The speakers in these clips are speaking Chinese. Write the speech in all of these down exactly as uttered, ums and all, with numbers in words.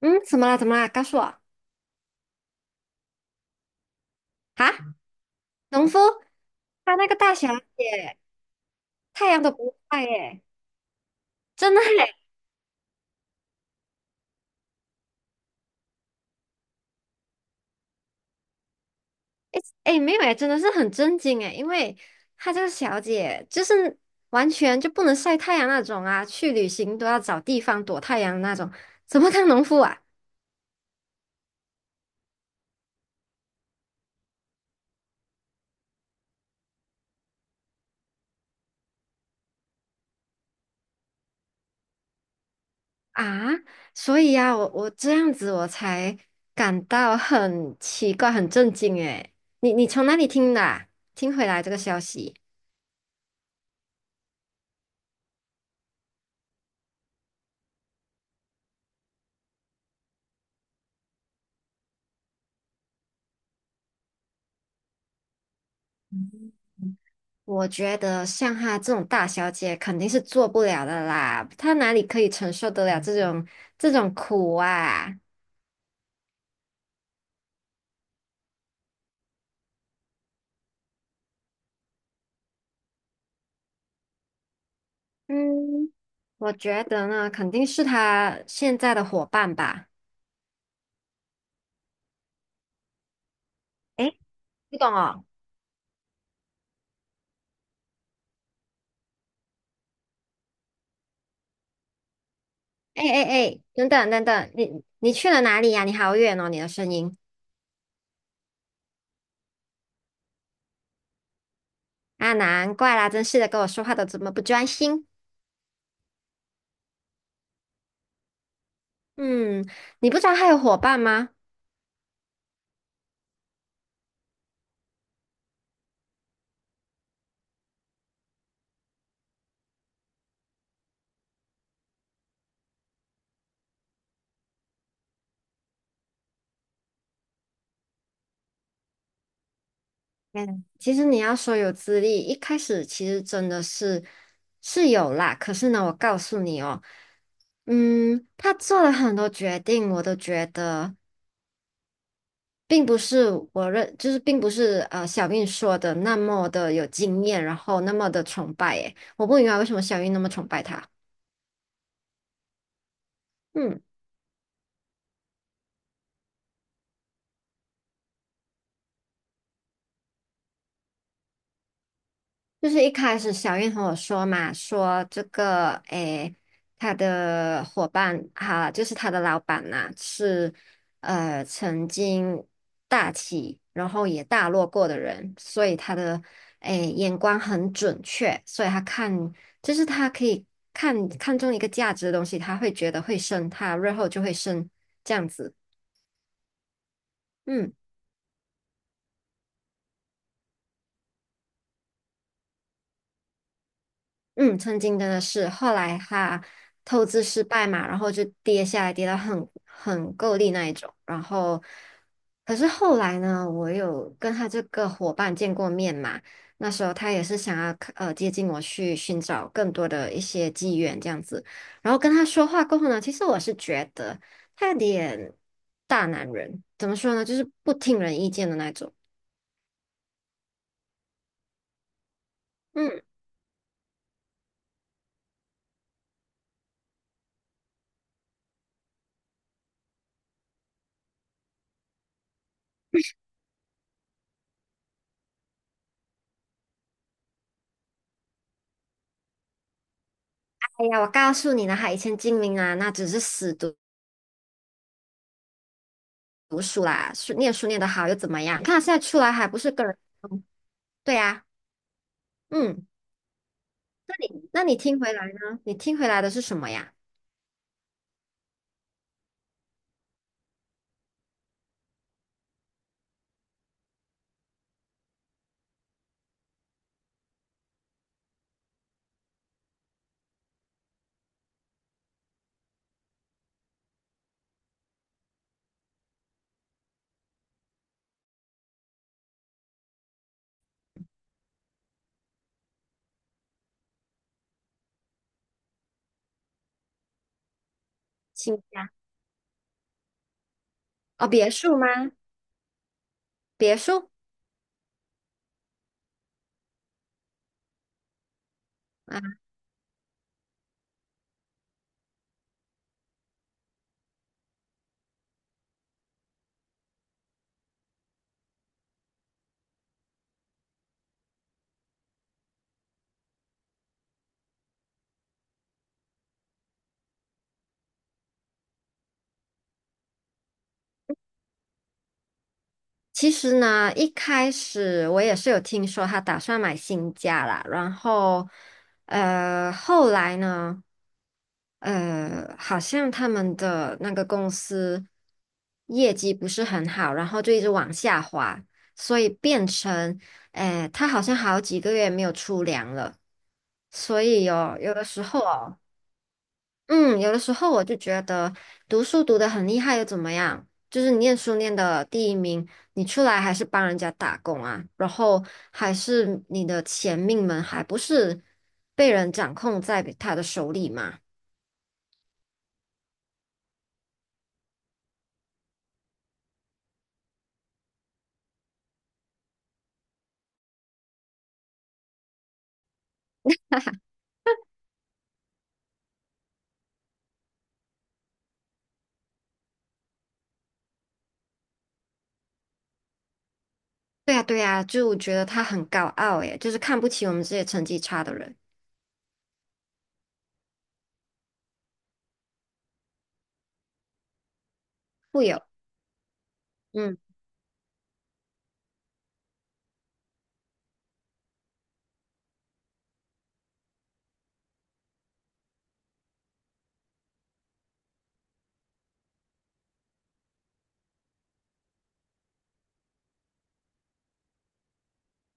嗯，怎么了？怎么了？告诉我啊！农夫他那个大小姐，太阳都不晒耶，真的 耶！哎哎，没有哎，真的是很震惊哎，因为她这个小姐就是完全就不能晒太阳那种啊，去旅行都要找地方躲太阳那种，怎么当农夫啊？啊，所以呀、啊，我我这样子我才感到很奇怪，很震惊哎！你你从哪里听的啊听回来这个消息？我觉得像她这种大小姐肯定是做不了的啦，她哪里可以承受得了这种这种苦啊？嗯，我觉得呢，肯定是她现在的伙伴吧。诶，你懂哦？哎哎哎，等等等等，你你去了哪里呀？你好远哦，你的声音啊，难怪啦，真是的，跟我说话都这么不专心。嗯，你不知道她有伙伴吗？嗯，其实你要说有资历，一开始其实真的是是有啦。可是呢，我告诉你哦，嗯，他做了很多决定，我都觉得并不是我认，就是并不是呃小韵说的那么的有经验，然后那么的崇拜。诶，我不明白为什么小韵那么崇拜他。嗯。就是一开始小燕和我说嘛，说这个诶，他的伙伴哈、就是他的老板呐、是呃曾经大起，然后也大落过的人，所以他的诶眼光很准确，所以他看就是他可以看看中一个价值的东西，他会觉得会升，他日后就会升这样子。嗯。嗯，曾经真的是，后来他透支失败嘛，然后就跌下来，跌到很很够力那一种。然后，可是后来呢，我有跟他这个伙伴见过面嘛，那时候他也是想要呃接近我去寻找更多的一些机缘这样子。然后跟他说话过后呢，其实我是觉得他有点大男人，怎么说呢，就是不听人意见的那种。嗯，哎呀，我告诉你呢，他以前精明啊，那只是死读。读书啦，书念书念得好又怎么样？你看现在出来还不是个人，嗯对呀、嗯，那你听回来呢？你听回来的是什么呀？新家哦，别墅吗？别墅啊，其实呢，一开始我也是有听说他打算买新家啦，然后呃，后来呢？呃，好像他们的那个公司业绩不是很好，然后就一直往下滑，所以变成，哎，他好像好几个月没有出粮了。所以哦，有的时候哦，嗯，有的时候我就觉得读书读得很厉害又怎么样？就是你念书念的第一名，你出来还是帮人家打工啊，然后还是你的钱命门还不是被人掌控在他的手里嘛？对呀，对呀，就我觉得他很高傲，诶，就是看不起我们这些成绩差的人。会有，嗯，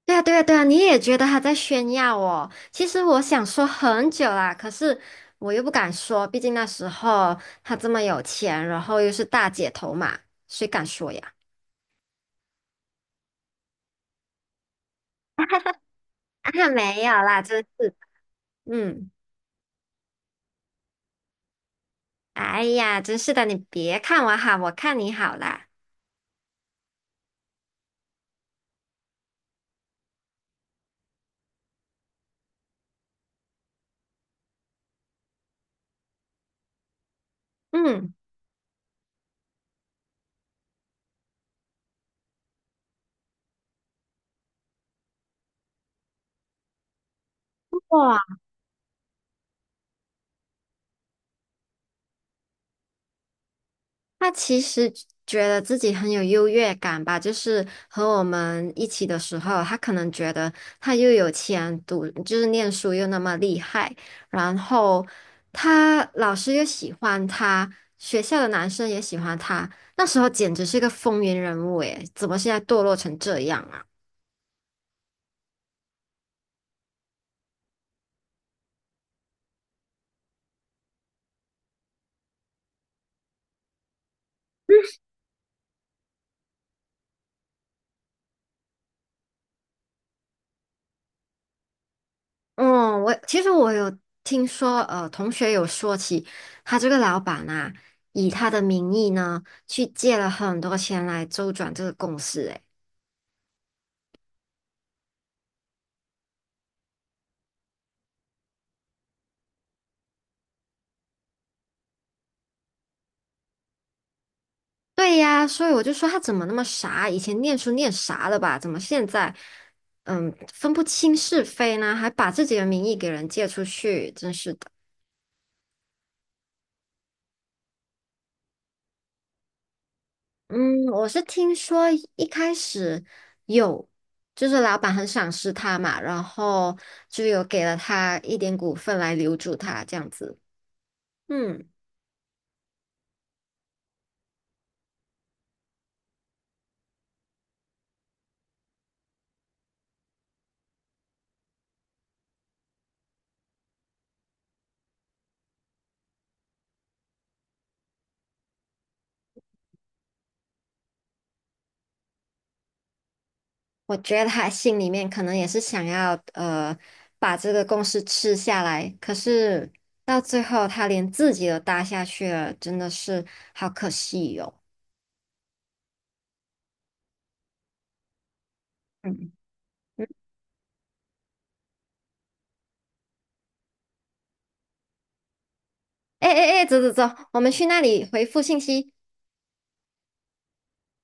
对呀，对呀，对呀，你也觉得他在炫耀哦？其实我想说很久啦，可是我又不敢说，毕竟那时候他这么有钱，然后又是大姐头嘛，谁敢说呀？啊，没有啦，真是的，嗯，哎呀，真是的，你别看我好，我看你好啦，嗯。哇。他其实觉得自己很有优越感吧，就是和我们一起的时候，他可能觉得他又有钱读，就是念书又那么厉害，然后他老师又喜欢他，学校的男生也喜欢他，那时候简直是个风云人物诶，怎么现在堕落成这样啊？嗯，我其实我有听说，呃，同学有说起他这个老板啊，以他的名义呢，去借了很多钱来周转这个公司诶。对呀，所以我就说他怎么那么傻？以前念书念傻了吧？怎么现在，嗯，分不清是非呢？还把自己的名义给人借出去，真是的。嗯，我是听说一开始有，就是老板很赏识他嘛，然后就有给了他一点股份来留住他这样子。嗯。我觉得他心里面可能也是想要呃把这个公司吃下来，可是到最后他连自己都搭下去了，真的是好可惜哟、嗯嗯，哎哎哎，诶走走走，我们去那里回复信息。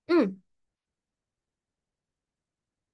嗯。